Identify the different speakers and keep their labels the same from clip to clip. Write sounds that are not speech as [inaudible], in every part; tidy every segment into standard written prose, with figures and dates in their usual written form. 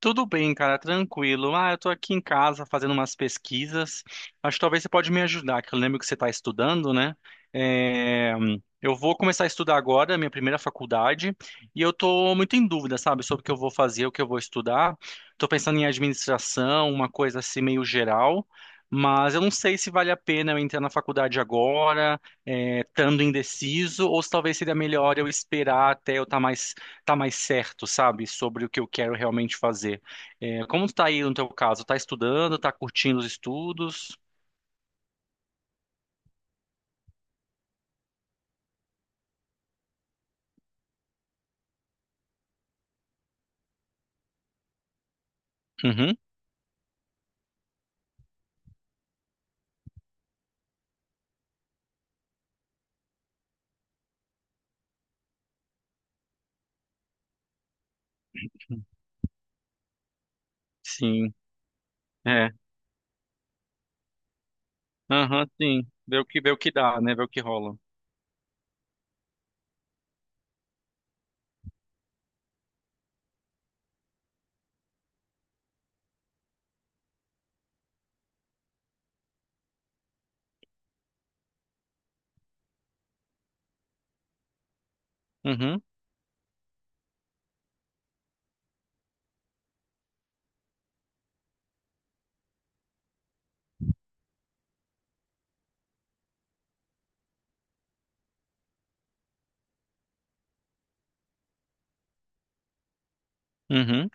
Speaker 1: Tudo bem, cara, tranquilo. Ah, eu tô aqui em casa fazendo umas pesquisas. Acho que talvez você pode me ajudar, que eu lembro que você está estudando, né? É, eu vou começar a estudar agora, minha primeira faculdade, e eu tô muito em dúvida, sabe, sobre o que eu vou fazer, o que eu vou estudar. Tô pensando em administração, uma coisa assim meio geral, mas eu não sei se vale a pena eu entrar na faculdade agora, é, estando indeciso, ou se talvez seria melhor eu esperar até eu estar mais tá mais certo, sabe, sobre o que eu quero realmente fazer. É, como tá aí no teu caso? Tá estudando, tá curtindo os estudos? Uhum. Sim, é. Aham, sim. Vê o que dá, né? Vê o que rola. Uhum, uhum,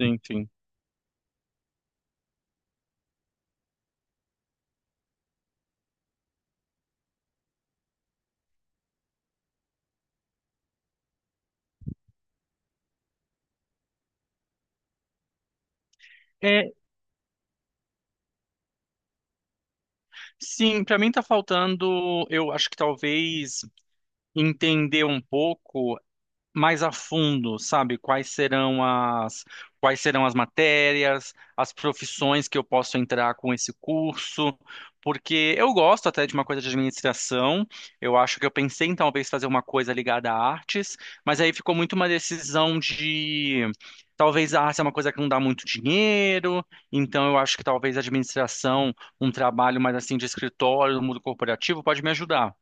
Speaker 1: sim, sim. É, sim, pra mim tá faltando, eu acho que talvez entender um pouco mais a fundo, sabe? Quais serão as matérias, as profissões que eu posso entrar com esse curso, porque eu gosto até de uma coisa de administração. Eu acho que eu pensei em talvez fazer uma coisa ligada a artes, mas aí ficou muito uma decisão de talvez a arte é uma coisa que não dá muito dinheiro, então eu acho que talvez a administração, um trabalho mais assim de escritório, no mundo corporativo, pode me ajudar.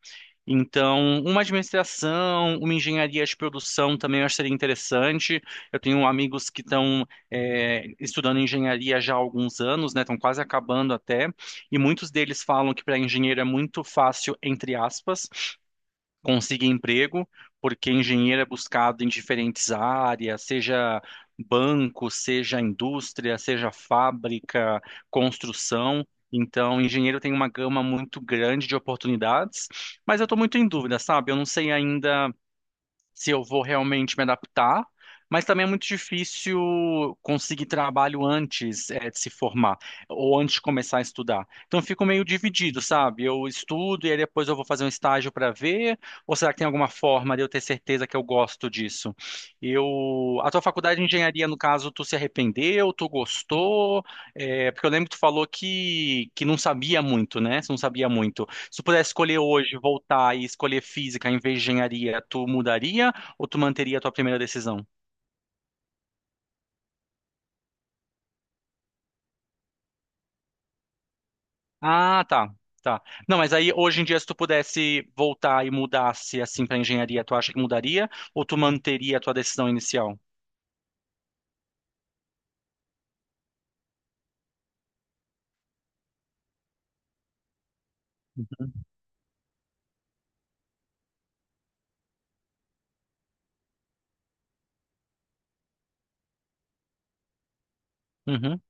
Speaker 1: Então, uma administração, uma engenharia de produção também eu acho que seria interessante. Eu tenho amigos que estão estudando engenharia já há alguns anos, né? Estão quase acabando até, e muitos deles falam que para engenheiro é muito fácil, entre aspas, consiga emprego, porque engenheiro é buscado em diferentes áreas, seja banco, seja indústria, seja fábrica, construção. Então, engenheiro tem uma gama muito grande de oportunidades, mas eu estou muito em dúvida, sabe? Eu não sei ainda se eu vou realmente me adaptar, mas também é muito difícil conseguir trabalho antes, de se formar ou antes de começar a estudar. Então eu fico meio dividido, sabe? Eu estudo e aí depois eu vou fazer um estágio para ver, ou será que tem alguma forma de eu ter certeza que eu gosto disso? Eu, a tua faculdade de engenharia, no caso, tu se arrependeu, tu gostou? Eh, porque eu lembro que tu falou que não sabia muito, né? Você não sabia muito. Se tu pudesse escolher hoje, voltar e escolher física em vez de engenharia, tu mudaria ou tu manteria a tua primeira decisão? Ah, tá. Tá. Não, mas aí hoje em dia, se tu pudesse voltar e mudasse assim para engenharia, tu acha que mudaria ou tu manteria a tua decisão inicial? Uhum. Uhum.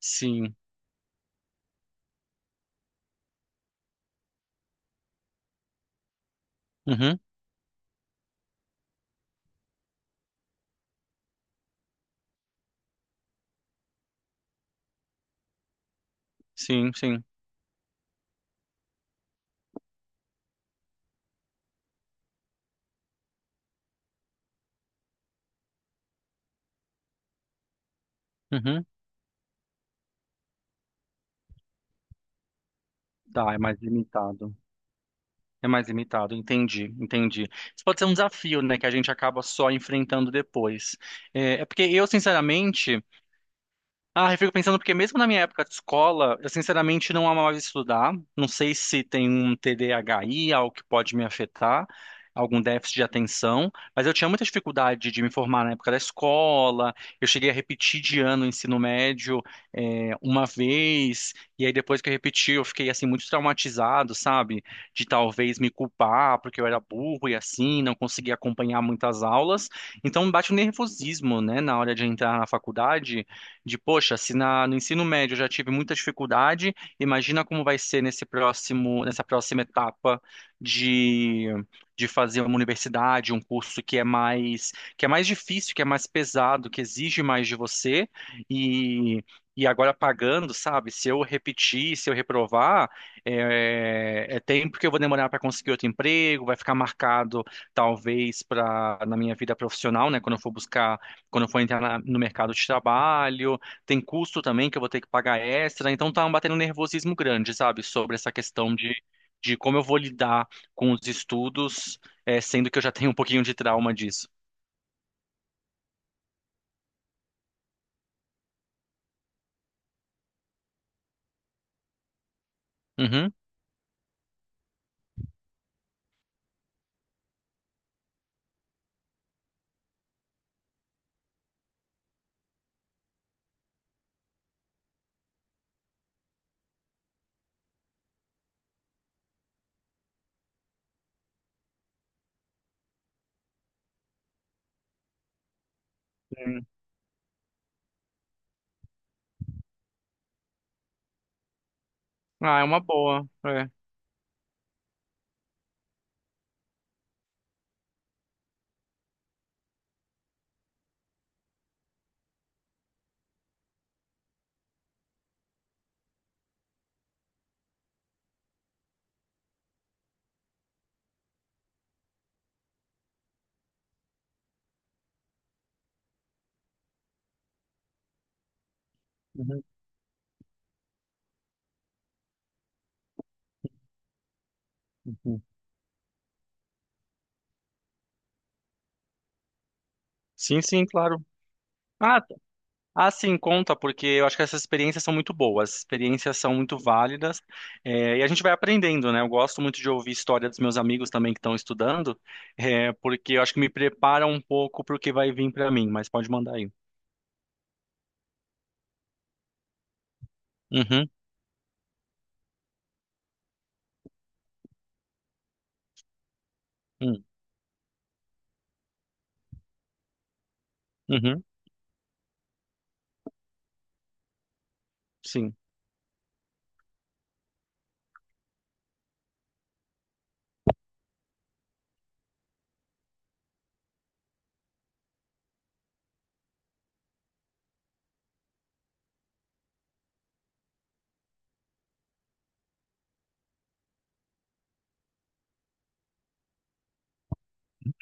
Speaker 1: Sim. Uhum. Sim, sim. Uhum. Tá, é mais limitado. É mais limitado, entendi, entendi. Isso pode ser um desafio, né, que a gente acaba só enfrentando depois. É, é porque eu, sinceramente. Ah, eu fico pensando porque mesmo na minha época de escola, eu sinceramente não amava estudar. Não sei se tem um TDAHI, algo que pode me afetar, algum déficit de atenção, mas eu tinha muita dificuldade de me formar na época da escola. Eu cheguei a repetir de ano o ensino médio uma vez, e aí depois que eu repeti, eu fiquei assim muito traumatizado, sabe? De talvez me culpar porque eu era burro e assim, não conseguia acompanhar muitas aulas. Então bate um nervosismo, né, na hora de entrar na faculdade de, poxa, se no ensino médio eu já tive muita dificuldade, imagina como vai ser nesse próximo, nessa próxima etapa de, de fazer uma universidade, um curso que é mais difícil, que é mais pesado, que exige mais de você e E agora pagando, sabe? Se eu repetir, se eu reprovar, é tempo que eu vou demorar para conseguir outro emprego, vai ficar marcado talvez para na minha vida profissional, né? Quando eu for entrar no mercado de trabalho, tem custo também que eu vou ter que pagar extra, então tá batendo um nervosismo grande, sabe, sobre essa questão de como eu vou lidar com os estudos, eh, sendo que eu já tenho um pouquinho de trauma disso. Uhum. Sim. Ah, é uma boa. É. Uhum, uhum. Sim, sim, claro. Ah, ah, sim, conta, porque eu acho que essas experiências são muito boas, experiências são muito válidas, é, e a gente vai aprendendo, né? Eu gosto muito de ouvir história dos meus amigos também que estão estudando, é, porque eu acho que me prepara um pouco para o que vai vir para mim, mas pode mandar aí. Uhum, uhum, uhum, sim.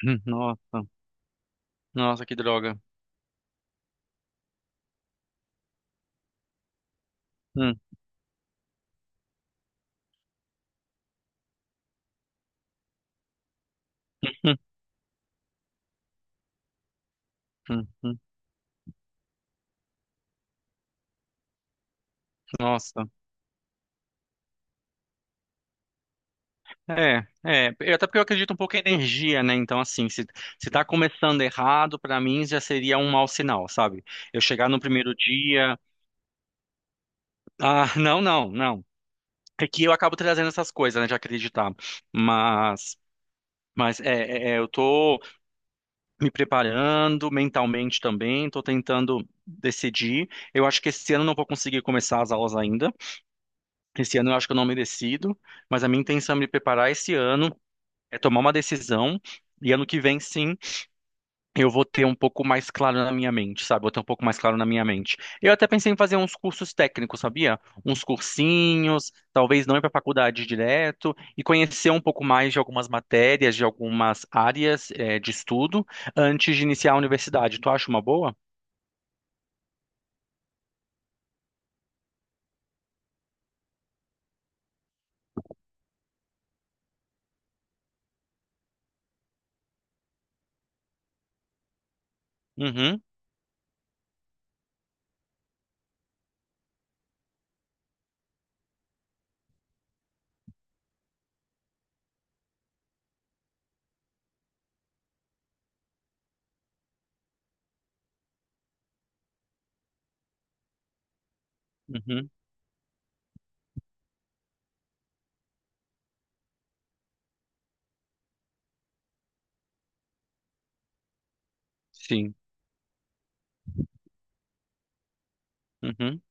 Speaker 1: Nossa, nossa, que droga. Hum, hum, hum, hum, Nossa. É, é, e até porque eu acredito um pouco em energia, né? Então, assim, se tá começando errado, para mim já seria um mau sinal, sabe? Eu chegar no primeiro dia. Ah, não, não, não. É que eu acabo trazendo essas coisas, né, de acreditar. Mas, mas eu tô me preparando mentalmente também, tô tentando decidir. Eu acho que esse ano eu não vou conseguir começar as aulas ainda. Esse ano eu acho que eu não me decido, mas a minha intenção é me preparar esse ano, é tomar uma decisão, e ano que vem sim. Eu vou ter um pouco mais claro na minha mente, sabe? Vou ter um pouco mais claro na minha mente. Eu até pensei em fazer uns cursos técnicos, sabia? Uns cursinhos, talvez não ir para faculdade direto e conhecer um pouco mais de algumas matérias, de algumas áreas, de estudo antes de iniciar a universidade. Tu acha uma boa? Uhum, uhum, sim, uhum,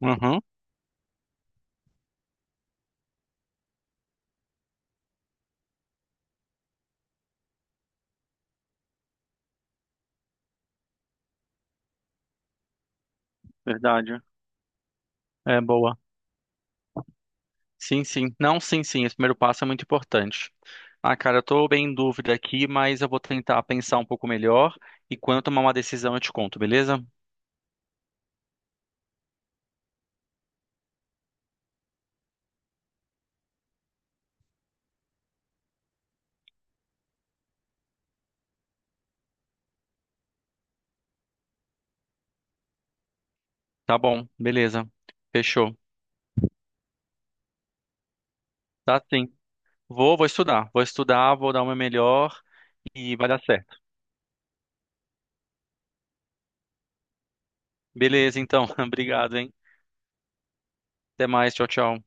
Speaker 1: uhum, verdade. É boa. Sim, sim. Não, sim, sim. Esse primeiro passo é muito importante. Ah, cara, eu tô bem em dúvida aqui, mas eu vou tentar pensar um pouco melhor e quando eu tomar uma decisão eu te conto, beleza? Tá bom, beleza. Fechou. Tá sim. Vou estudar. Vou estudar, vou dar o meu melhor e vai dar certo. Beleza, então. [laughs] Obrigado, hein? Até mais. Tchau, tchau.